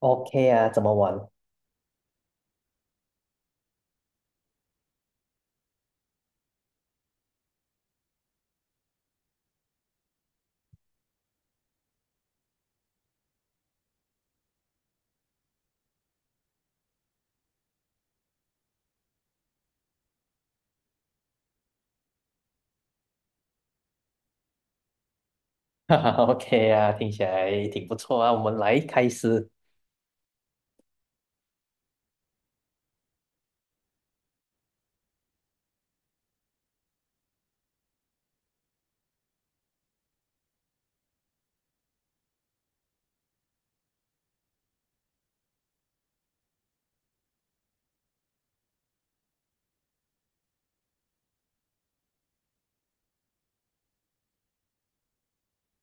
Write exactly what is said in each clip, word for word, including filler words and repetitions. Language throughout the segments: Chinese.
OK 啊，怎么玩？ 哈哈？OK 啊，听起来挺不错啊。我们来开始，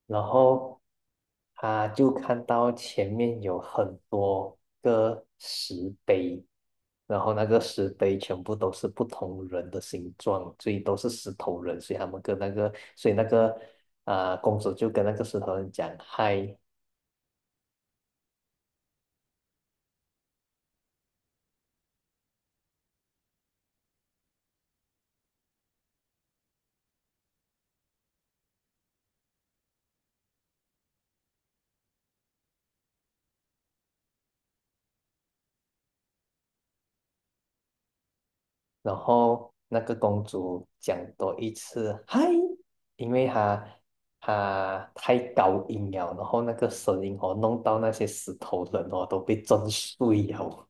然后他就看到前面有很多个石碑，然后那个石碑全部都是不同人的形状，所以都是石头人，所以他们跟那个，所以那个啊、公主就跟那个石头人讲嗨。然后那个公主讲多一次"嗨"，因为她她太高音了，然后那个声音哦，弄到那些石头人哦都被震碎了。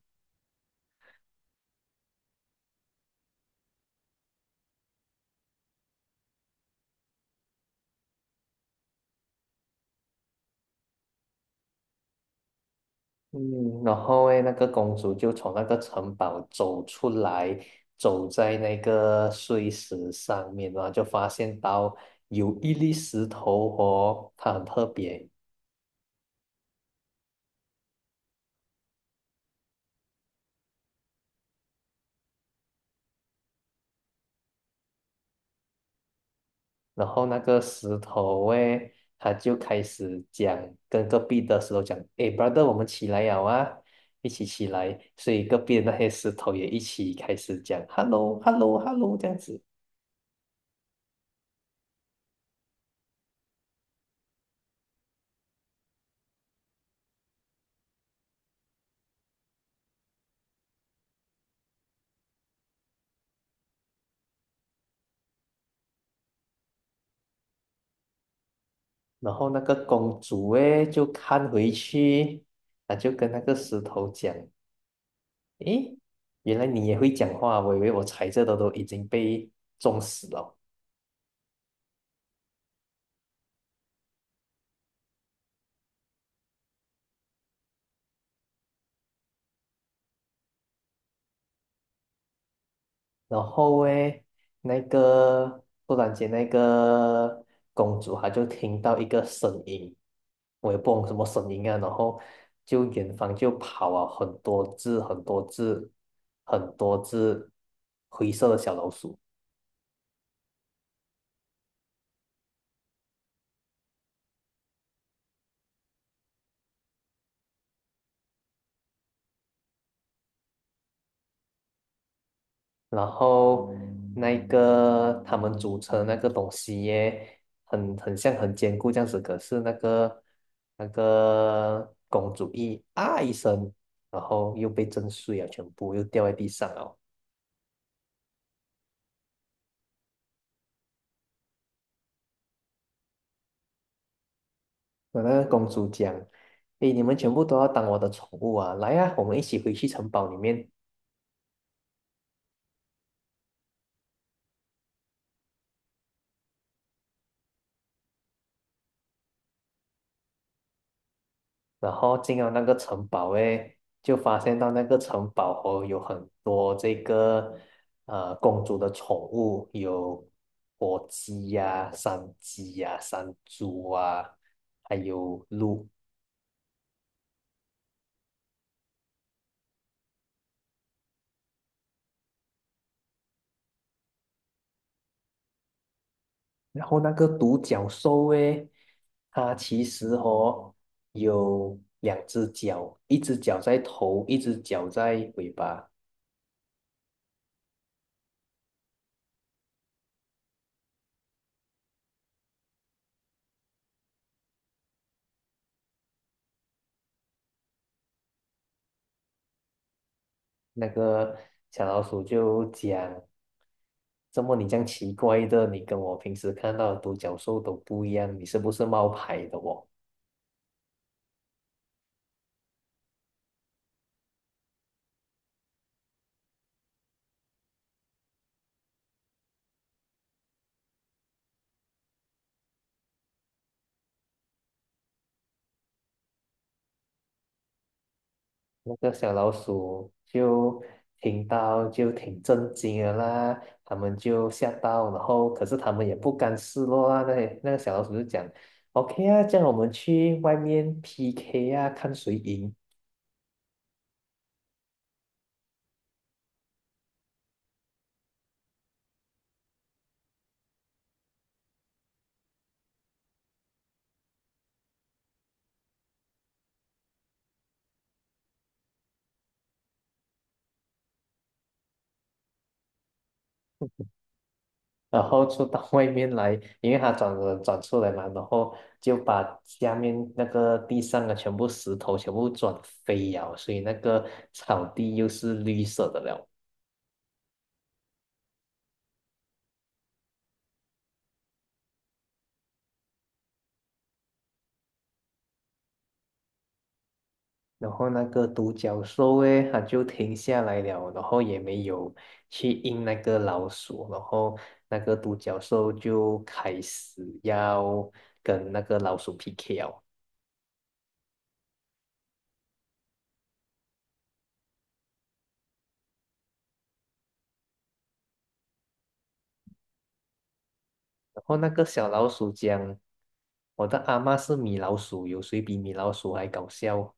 嗯，然后诶，那个公主就从那个城堡走出来，走在那个碎石上面，然后就发现到有一粒石头哦，它很特别。然后那个石头诶，他就开始讲，跟隔壁的石头讲，诶，brother，我们起来呀，啊，一起起来。所以隔壁的那些石头也一起开始讲，hello，hello，hello 这样子。然后那个公主诶，就看回去，她就跟那个石头讲，诶，原来你也会讲话，我以为我踩这的都已经被撞死了。然后诶，那个突然间那个公主她就听到一个声音，我也不懂什么声音啊，然后就远方就跑了很多只很多只很多只灰色的小老鼠。然后那个他们组成那个东西耶，很很像很坚固这样子，可是那个那个公主一啊一声，然后又被震碎啊，全部又掉在地上了。那那个公主讲："诶，你们全部都要当我的宠物啊！来啊，我们一起回去城堡里面。"然后进了那个城堡诶，就发现到那个城堡哦有很多这个呃公主的宠物，有火鸡呀、山鸡呀、山猪啊，还有鹿。然后那个独角兽诶，它其实哦有两只脚，一只脚在头，一只脚在尾巴。那个小老鼠就讲，怎么你这样奇怪的？你跟我平时看到的独角兽都不一样，你是不是冒牌的哦？那个小老鼠就听到就挺震惊的啦，他们就吓到，然后可是他们也不甘示弱啊。那那个小老鼠就讲，OK 啊，这样我们去外面 P K 啊，看谁赢。然后就到外面来，因为它转转转出来嘛，然后就把下面那个地上的全部石头全部转飞了，所以那个草地又是绿色的了。然后那个独角兽诶，它就停下来了，然后也没有去应那个老鼠，然后那个独角兽就开始要跟那个老鼠 P K 了。然后那个小老鼠讲："我的阿嬷是米老鼠，有谁比米老鼠还搞笑？"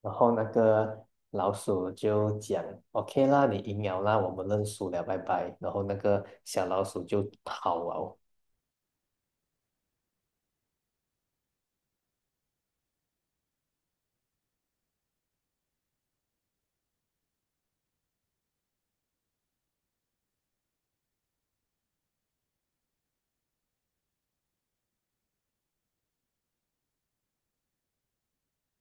然后那个老鼠就讲："OK 啦，你赢了啦，我们认输了，拜拜。"然后那个小老鼠就跑了。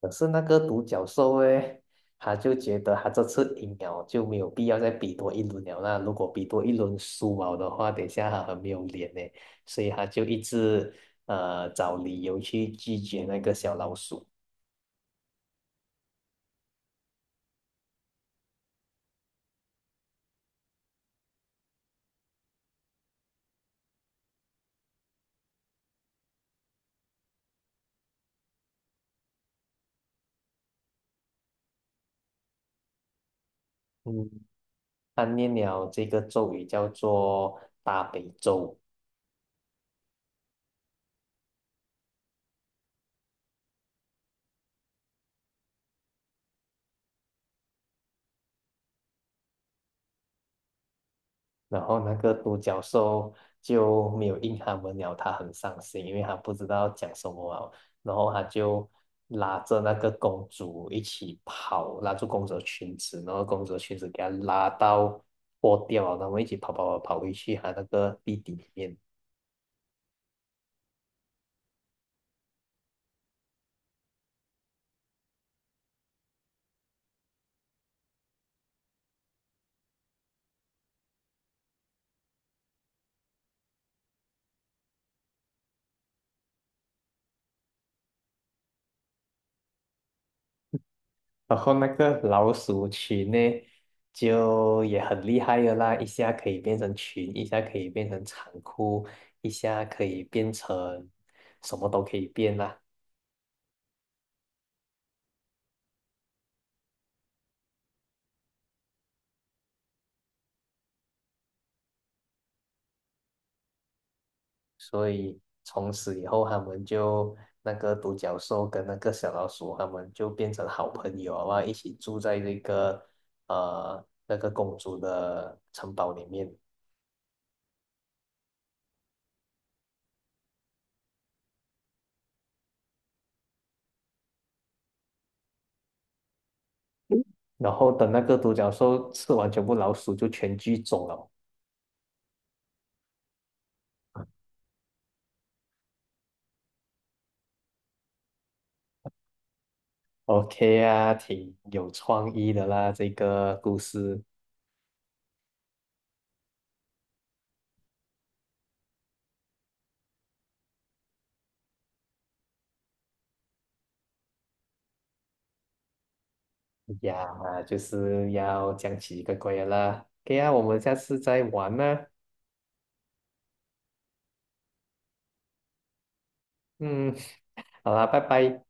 可是那个独角兽诶，他就觉得他这次赢了就没有必要再比多一轮了，那如果比多一轮输了的话，等一下他很没有脸呢，所以他就一直呃找理由去拒绝那个小老鼠。嗯，他念了这个咒语叫做大悲咒。然后那个独角兽就没有应他们了，他很伤心，因为他不知道讲什么啊。然后他就拉着那个公主一起跑，拉住公主的裙子，然后公主的裙子给她拉到破掉了，然后一起跑跑跑跑回去他那个地底里面。然后那个老鼠群呢，就也很厉害的啦，一下可以变成群，一下可以变成长裤，一下可以变成什么都可以变啦。所以从此以后，他们就那个独角兽跟那个小老鼠，他们就变成好朋友啊，一起住在这个呃那个公主的城堡里面。然后等那个独角兽吃完全部老鼠，就全剧终了。OK 啊，挺有创意的啦，这个故事呀，就是要讲几个怪的啦。OK 啊，我们下次再玩啦。嗯，好啦，拜拜。